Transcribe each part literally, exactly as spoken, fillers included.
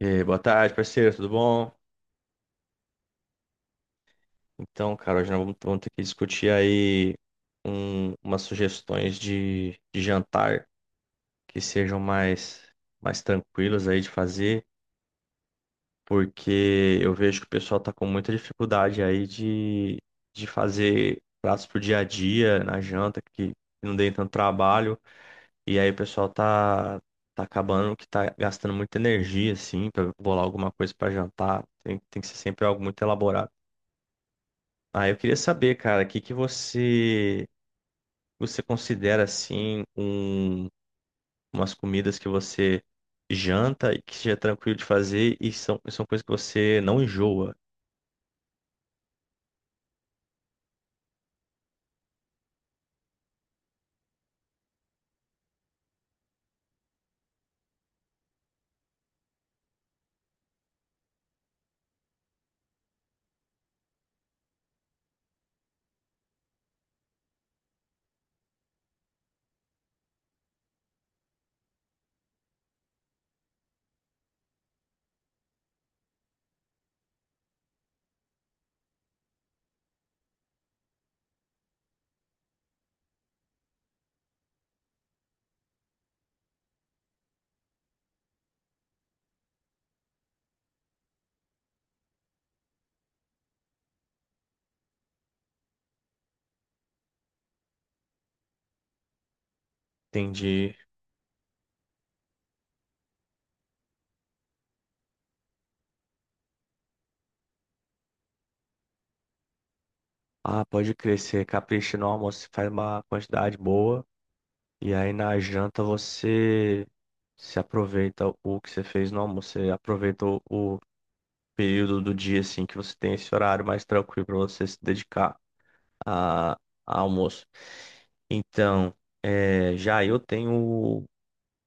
E aí, boa tarde, parceiro, tudo bom? Então, cara, hoje nós vamos, vamos ter que discutir aí um, umas sugestões de, de jantar que sejam mais, mais tranquilas aí de fazer, porque eu vejo que o pessoal tá com muita dificuldade aí de, de fazer pratos pro dia a dia, na janta, que não deem tanto trabalho, e aí o pessoal tá, tá acabando que tá gastando muita energia, assim, pra bolar alguma coisa pra jantar, tem, tem que ser sempre algo muito elaborado. Ah, eu queria saber, cara, o que que você você considera assim um, umas comidas que você janta e que seja tranquilo de fazer e são, e são coisas que você não enjoa. Entendi. Ah, pode crescer, capricha no almoço, você faz uma quantidade boa e aí na janta você se aproveita o que você fez no almoço, você aproveita o, o período do dia assim que você tem esse horário mais tranquilo para você se dedicar. A, a almoço. Então, é, já eu tenho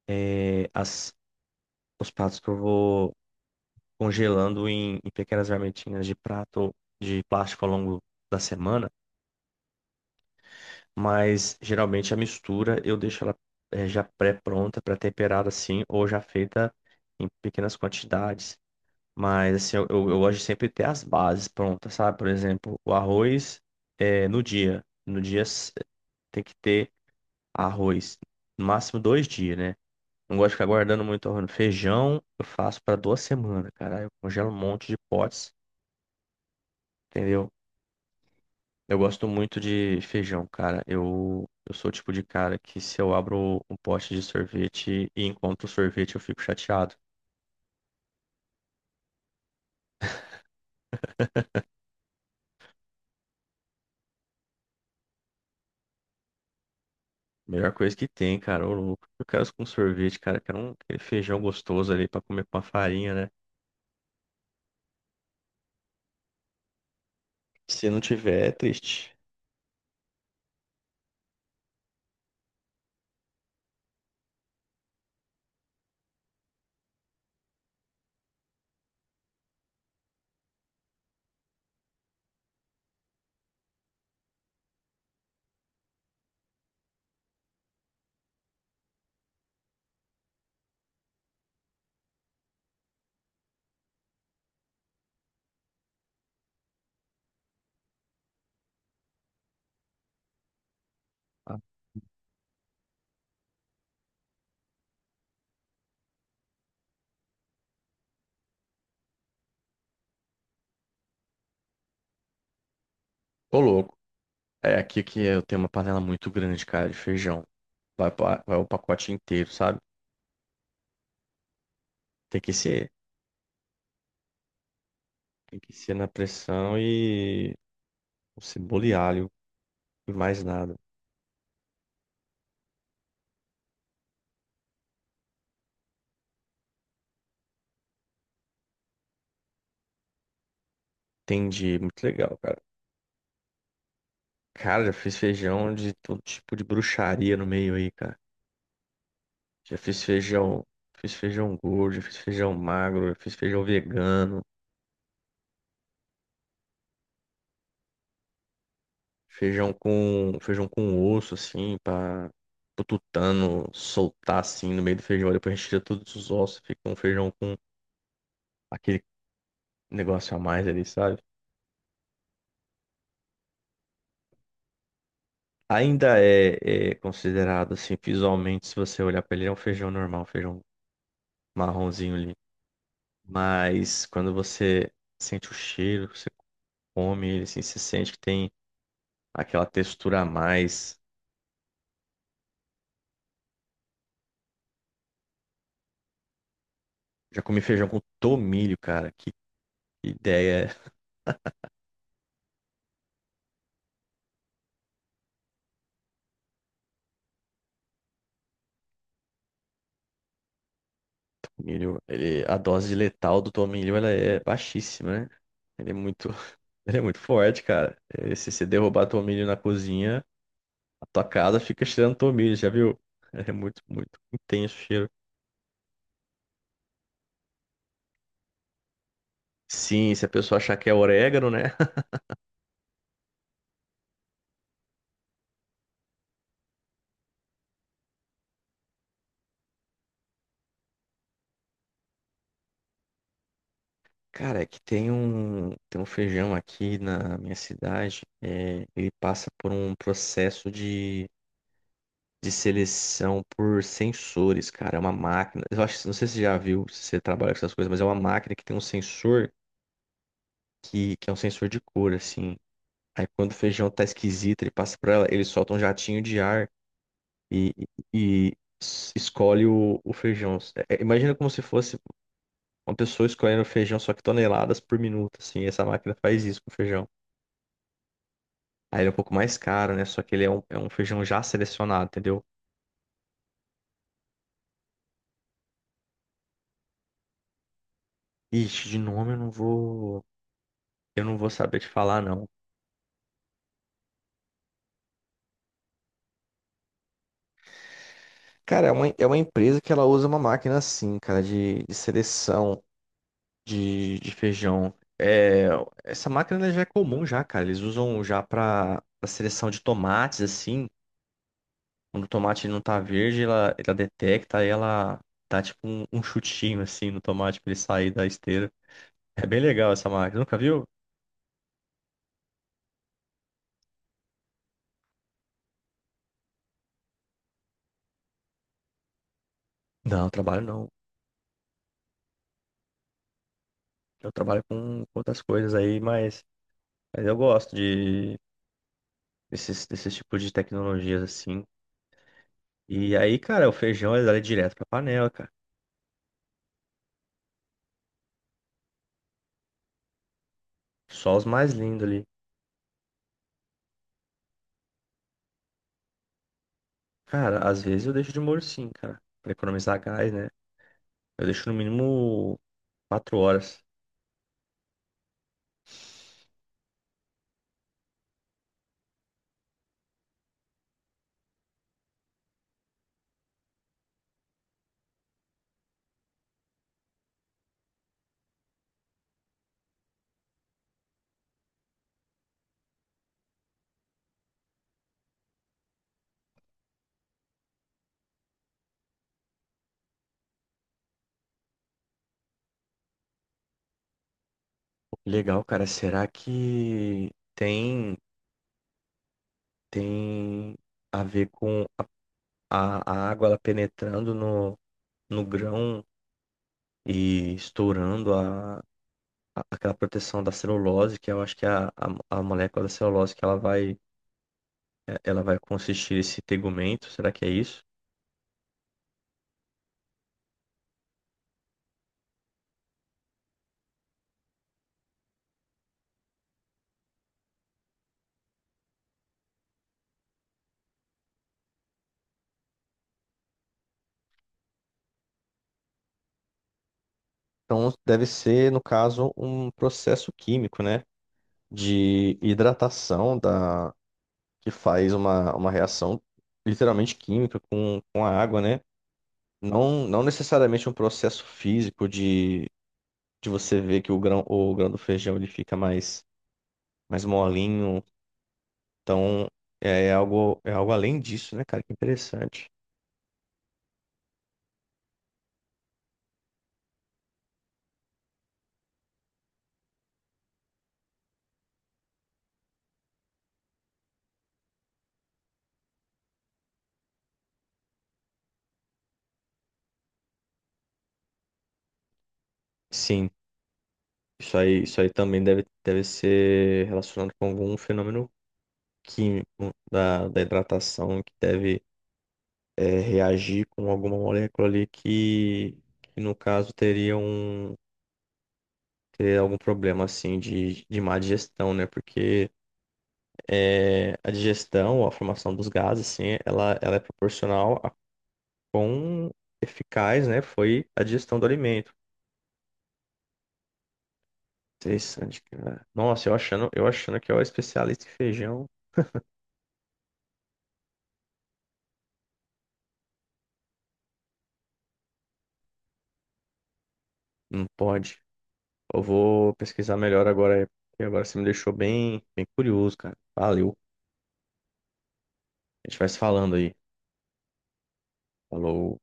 é, as, os pratos que eu vou congelando em, em pequenas marmitinhas de prato de plástico ao longo da semana, mas geralmente a mistura eu deixo ela é, já pré-pronta, pré-temperada assim, ou já feita em pequenas quantidades. Mas assim, eu, eu, eu gosto de sempre ter as bases prontas, sabe? Por exemplo, o arroz é, no dia. No dia s- tem que ter. Arroz, no máximo dois dias, né? Não gosto de ficar guardando muito arroz. Feijão, eu faço para duas semanas, cara. Eu congelo um monte de potes, entendeu? Eu gosto muito de feijão, cara. Eu, eu sou o tipo de cara que se eu abro um pote de sorvete e encontro sorvete, eu fico chateado. Melhor coisa que tem, cara. Ô, louco. Eu quero isso com sorvete, cara. Eu quero um aquele feijão gostoso ali pra comer com uma farinha, né? Se não tiver, é triste. Ah, ô, louco. É aqui que eu tenho uma panela muito grande, cara, de feijão. Vai, pa- vai o pacote inteiro, sabe? Tem que ser, tem que ser na pressão e o cebola e alho e mais nada. Entendi, muito legal, cara. Cara, já fiz feijão de todo tipo de bruxaria no meio aí, cara. Já fiz feijão, fiz feijão gordo, já fiz feijão magro, já fiz feijão vegano, feijão com, feijão com osso assim, para o tutano soltar assim no meio do feijão, depois retira todos os ossos, fica um feijão com aquele negócio a mais ali, sabe? Ainda é, é considerado assim, visualmente, se você olhar para ele, é um feijão normal, um feijão marronzinho ali. Mas quando você sente o cheiro, você come ele, assim, você sente que tem aquela textura a mais. Já comi feijão com tomilho, cara. Que ideia é tomilho? Ele, a dose letal do tomilho, ela é baixíssima, né? Ele é muito, ele é muito forte, cara. Eh, Se você derrubar tomilho na cozinha, a tua casa fica cheirando tomilho, já viu? É muito, muito intenso o cheiro. Sim, se a pessoa achar que é orégano, né? Cara, é que tem um, tem um feijão aqui na minha cidade, é, ele passa por um processo de, de seleção por sensores, cara. É uma máquina. Eu acho, não sei se você já viu, se você trabalha com essas coisas, mas é uma máquina que tem um sensor que, que é um sensor de cor, assim. Aí quando o feijão tá esquisito, ele passa por ela, ele solta um jatinho de ar e, e- e s- escolhe o, o feijão. É, é, imagina como se fosse uma pessoa escolhendo feijão só que toneladas por minuto, assim, essa máquina faz isso com o feijão. Aí ele é um pouco mais caro, né? Só que ele é um, é um feijão já selecionado, entendeu? Ixi, de nome eu não vou, eu não vou saber te falar, não. Cara, é uma, é uma empresa que ela usa uma máquina assim, cara, de, de seleção. De, de feijão. É, essa máquina ela já é comum já, cara. Eles usam já para seleção de tomates, assim. Quando o tomate ele não tá verde, ela, ela detecta e ela dá tipo um, um chutinho assim no tomate pra ele sair da esteira. É bem legal essa máquina. Nunca viu? Não, eu trabalho não. Eu trabalho com outras coisas aí, mas, mas eu gosto de desses, desses tipos de tecnologias assim. E aí, cara, o feijão ele dá ele direto pra panela, cara. Só os mais lindos ali. Cara, às vezes eu deixo de molho sim, cara. Pra economizar gás, né? Eu deixo no mínimo quatro horas. Legal, cara. Será que tem. tem a ver com a, a a água ela penetrando no, no grão e estourando a, a- aquela proteção da celulose, que eu acho que é a, a, a molécula da celulose que ela vai, eh, ela vai consistir esse tegumento, será que é isso? Então deve ser, no caso, um processo químico, né? De hidratação da, que faz uma, uma reação literalmente química com, com a água, né? Não, não necessariamente um processo físico de de você ver que o grão, o grão do feijão ele fica mais, mais molinho. Então, é algo, é algo além disso, né, cara? Que interessante. Sim, isso aí, isso aí também deve, deve ser relacionado com algum fenômeno químico da, da hidratação que deve é, reagir com alguma molécula ali que, que no caso, teria um. Teria algum problema assim de, de má digestão, né? Porque é, a digestão, a formação dos gases, assim, ela, ela é proporcional quão eficaz, né, foi a digestão do alimento. Interessante, cara. Nossa, eu achando, eu achando que eu era especialista em feijão. Não pode. Eu vou pesquisar melhor agora, porque agora você me deixou bem, bem curioso, cara. Valeu. A gente vai se falando aí. Falou.